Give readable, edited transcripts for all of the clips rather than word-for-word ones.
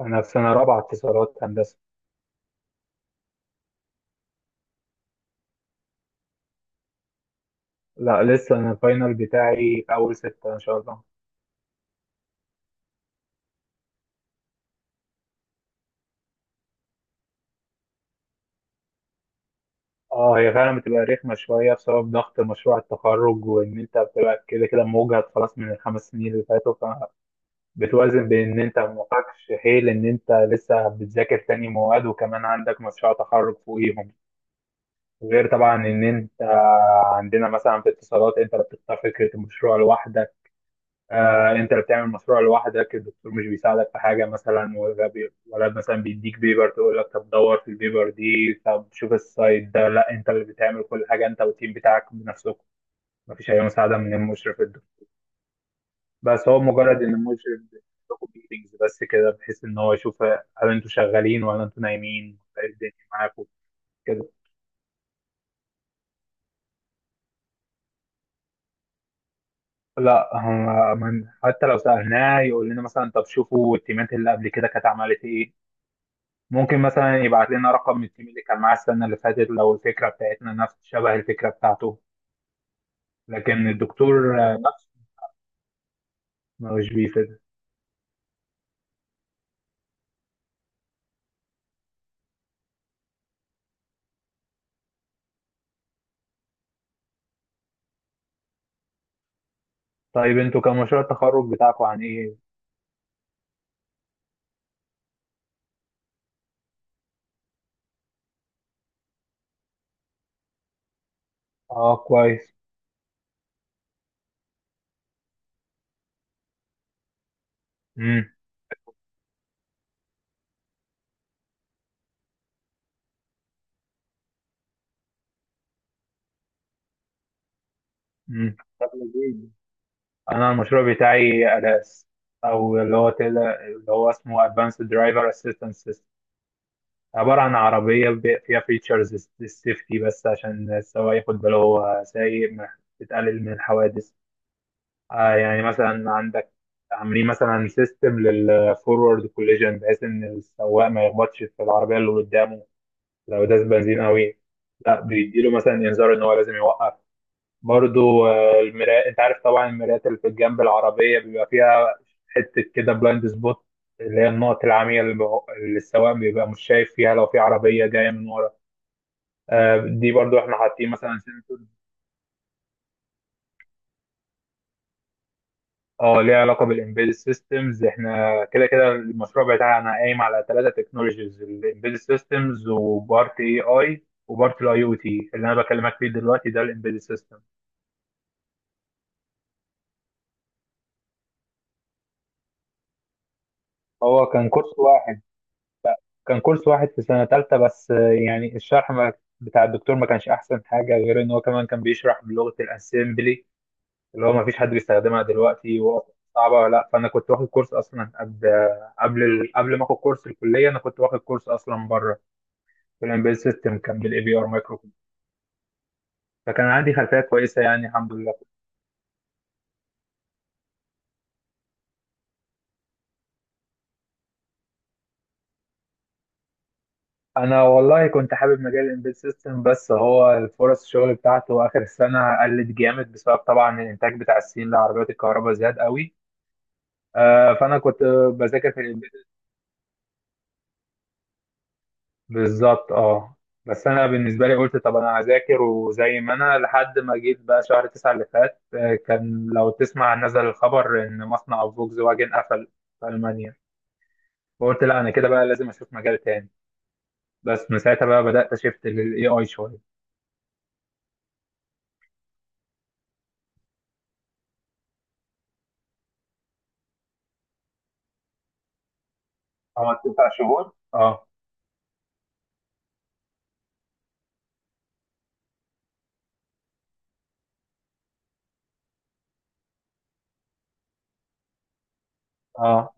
أنا في سنة رابعة اتصالات هندسة. لا لسه أنا الفاينل بتاعي في أول 6 إن شاء الله. أه هي فعلا بتبقى رخمة شوية بسبب ضغط مشروع التخرج وإن أنت بتبقى كده كده موجهد خلاص من ال5 سنين اللي فاتوا. فبتوازن بين إن أنت معكش حيل إن أنت لسه بتذاكر تاني مواد وكمان عندك مشروع تخرج فوقيهم. غير طبعا إن أنت عندنا مثلا في اتصالات أنت اللي بتختار فكرة المشروع لوحدك. آه انت اللي بتعمل مشروع لوحدك الدكتور مش بيساعدك في حاجه مثلا ولا مثلا بيديك بيبر تقول لك طب دور في البيبر دي طب شوف السايت ده، لا انت اللي بتعمل كل حاجه انت والتيم بتاعك بنفسكم. مفيش اي مساعده من المشرف الدكتور. بس هو مجرد ان المشرف بيديكوا ميتنجز بس كده بحيث ان هو يشوف هل انتوا شغالين ولا انتوا نايمين ولا ايه الدنيا معاكم كده. لا هم من حتى لو سالناه يقول لنا مثلا طب شوفوا التيمات اللي قبل كده كانت عملت ايه، ممكن مثلا يبعت لنا رقم من التيم اللي كان معاه السنة اللي فاتت لو الفكرة بتاعتنا نفس شبه الفكرة بتاعته. لكن الدكتور نفسه مش بيفيد. طيب انتوا كان مشروع التخرج بتاعكم عن ايه؟ اه كويس. امم امم طب لذيذ. انا المشروع بتاعي ألاس، او اللي هو كده اللي هو اسمه Advanced Driver Assistance System. عبارة عن عربية فيها فيتشرز للسيفتي بس عشان السواق ياخد باله هو سايق، تقلل من الحوادث. آه يعني مثلا عندك عاملين مثلا سيستم للفورورد كوليجن بحيث ان السواق ما يخبطش في العربيه اللي قدامه لو داس بنزين قوي، لا بيديله مثلا انذار ان هو لازم يوقف. برضو المرايات انت عارف طبعا المرايات اللي في جنب العربيه بيبقى فيها حته كده بلايند سبوت، اللي هي النقط العمياء اللي السواق بيبقى مش شايف فيها لو في عربيه جايه من ورا. دي برضو احنا حاطين مثلا. اه ليها علاقه بالامبيد سيستمز، احنا كده كده المشروع بتاعنا قايم على 3 تكنولوجيز، الامبيد سيستمز وبارت اي اي وبارت الاي او تي، اللي انا بكلمك فيه دلوقتي ده الامبيد سيستم. هو كان كورس واحد، كان كورس واحد في سنه ثالثه بس، يعني الشرح ما بتاع الدكتور ما كانش احسن حاجه، غير ان هو كمان كان بيشرح بلغه الاسمبلي اللي هو ما فيش حد بيستخدمها دلوقتي وصعبه ولا لا. فانا كنت واخد كورس اصلا قبل قبل ما اخد كورس الكليه، انا كنت واخد كورس اصلا بره بالامبيد سيستم، كان بالاي بي ار مايكرو. فكان عندي خلفيه كويسه يعني الحمد لله. انا والله كنت حابب مجال الامبيد سيستم، بس هو الفرص الشغل بتاعته اخر السنه قلت جامد بسبب طبعا الانتاج بتاع الصين لعربيات الكهرباء زاد قوي. آه فانا كنت بذاكر في الامبيد. بالظبط اه. بس انا بالنسبه لي قلت طب انا هذاكر، وزي ما انا لحد ما جيت بقى شهر 9 اللي فات، كان لو تسمع نزل الخبر ان مصنع فولكس واجن قفل في المانيا. فقلت لا انا كده بقى لازم اشوف مجال تاني. بس من ساعتها بقى بدأت اشفت للاي اي شوية. عملت 9 شهور اه. اه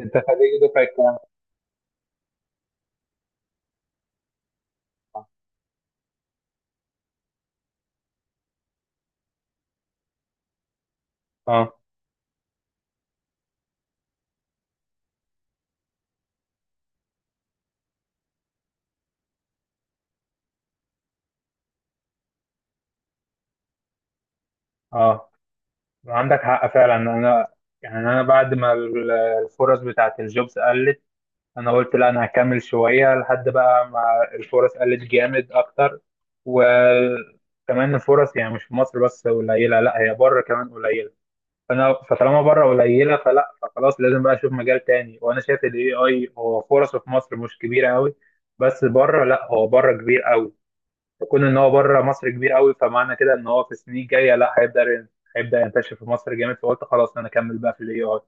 انت خريج دفعة كام؟ اه اه عندك حق فعلا. انا يعني انا بعد ما الفرص بتاعت الجوبز قلت، انا قلت لا انا هكمل شوية لحد بقى ما الفرص قلت جامد اكتر. وكمان الفرص يعني مش في مصر بس قليلة، لا هي بره كمان قليلة. فانا فطالما بره قليله فلا فخلاص لازم بقى اشوف مجال تاني، وانا شايف الاي اي هو فرصه في مصر مش كبيره قوي، بس بره لا هو بره كبير قوي. فكون ان هو بره مصر كبير قوي فمعنى كده ان هو في السنين الجايه لا هيبدا هيبدا ينتشر في مصر جامد، فقلت خلاص انا اكمل بقى في الاي اي.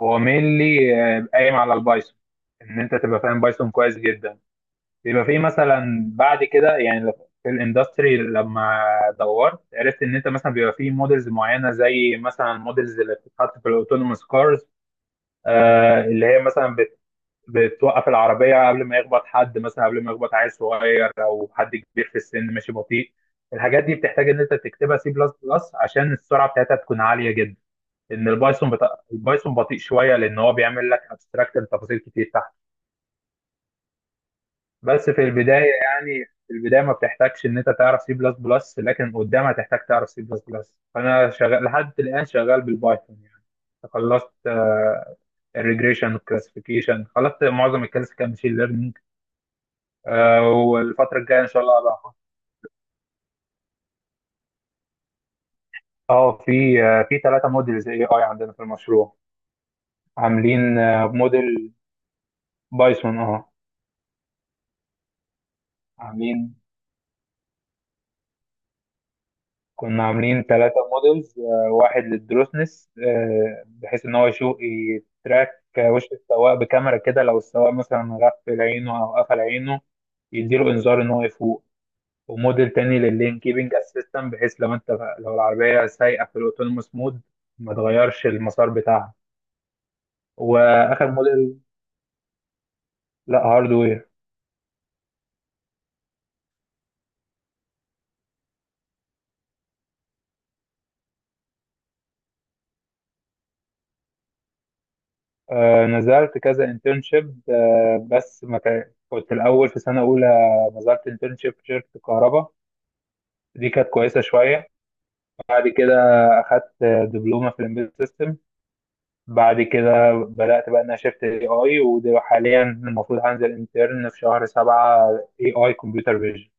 هو مينلي قايم على البايثون، ان انت تبقى فاهم بايثون كويس جدا، يبقى في مثلا بعد كده يعني لو في الاندستري لما دورت عرفت ان انت مثلا بيبقى في موديلز معينه زي مثلا الموديلز اللي بتتحط في الاوتونوموس كارز. آه اللي هي مثلا بت بتوقف العربيه قبل ما يخبط حد مثلا، قبل ما يخبط عيل صغير او حد كبير في السن ماشي بطيء. الحاجات دي بتحتاج ان انت تكتبها سي بلس بلس عشان السرعه بتاعتها تكون عاليه جدا. البايثون بطيء شويه لان هو بيعمل لك ابستراكت لتفاصيل كتير تحت. بس في البدايه، يعني في البدايه ما بتحتاجش ان انت تعرف سي بلس بلس، لكن قدام هتحتاج تعرف سي بلس بلس. فانا شغال لحد الان شغال بالبايثون يعني. خلصت الريجريشن والكلاسيفيكيشن، خلصت معظم الكلاسيك ماشين ليرنينج. والفتره الجايه ان شاء الله بقى أخد- اه في في 3 موديلز اي اي عندنا في المشروع، عاملين موديل بايثون اه model Python، عاملين، كنا عاملين 3 مودلز. واحد للدروسنس بحيث ان هو يشوف يتراك وش السواق بكاميرا كده، لو السواق مثلا غفل عينه او قفل عينه يديله انذار ان هو يفوق. وموديل تاني لللين كيبنج اسيستنت بحيث لو انت، لو العربية سايقة في الاوتونوموس مود ما تغيرش المسار بتاعها. واخر موديل، لا هاردوير. نزلت كذا انترنشيب، بس ما كان- كنت الاول في سنة اولى نزلت انترنشيب في شركة الكهرباء، دي كانت كويسة شوية. بعد كده اخدت دبلومه في الامبيد سيستم. بعد كده بدات بقى ان انا شفت اي اي، وحاليا المفروض هنزل انترن في شهر 7 اي اي كمبيوتر فيجن.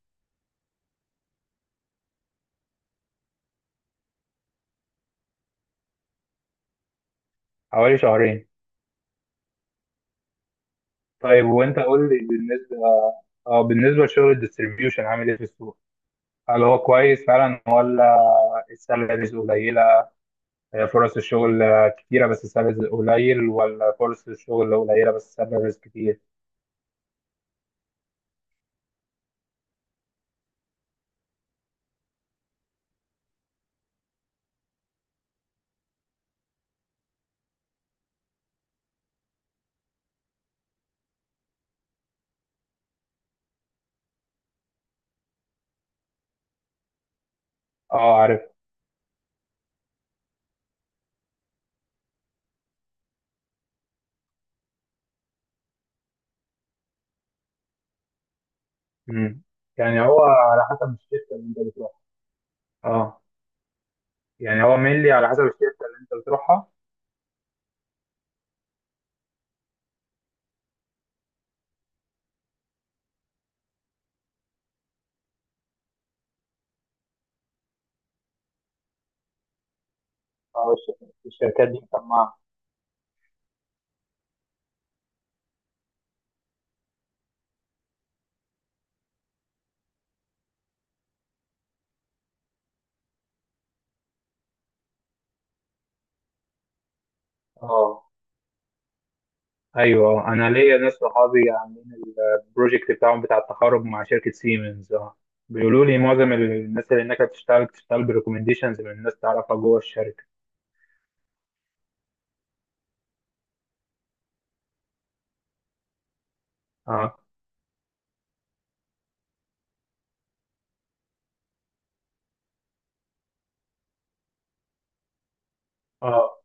حوالي شهرين. طيب وانت قول لي بالنسبه، اه بالنسبه لشغل الديستريبيوشن عامل ايه في السوق، هل هو كويس فعلا ولا السالاريز قليله؟ فرص الشغل كتيره بس السالاريز قليل، ولا فرص الشغل قليله بس السالاريز كتير؟ اه عارف. مم. يعني هو على حسب الشركه اللي انت بتروحها. اه. يعني هو مينلي على حسب الشركة اللي انت بتروحها. اه الشركات دي مسمعة. اه ايوه، انا ليا ناس صحابي عاملين البروجكت بتاعهم بتاع التخرج مع شركة سيمنز اه. بيقولوا لي معظم الناس اللي هناك بتشتغل بتشتغل بريكومنديشنز من الناس تعرفها جوه الشركة. اه. اه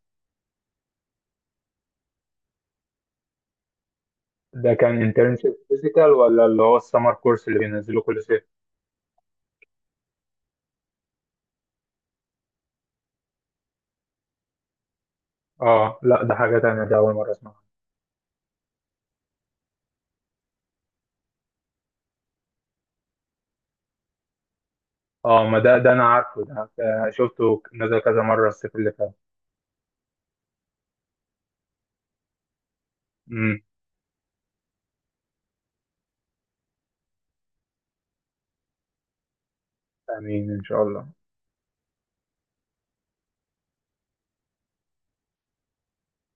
ده كان انترنشيب فيزيكال، ولا اللي هو السمر كورس اللي بينزلوه كل صيف؟ اه لا ده حاجة تانية، ده أول مرة أسمعها. اه ما ده ده أنا عارفه ده، شفته نزل كذا مرة الصيف اللي فات. امم آمين إن شاء الله.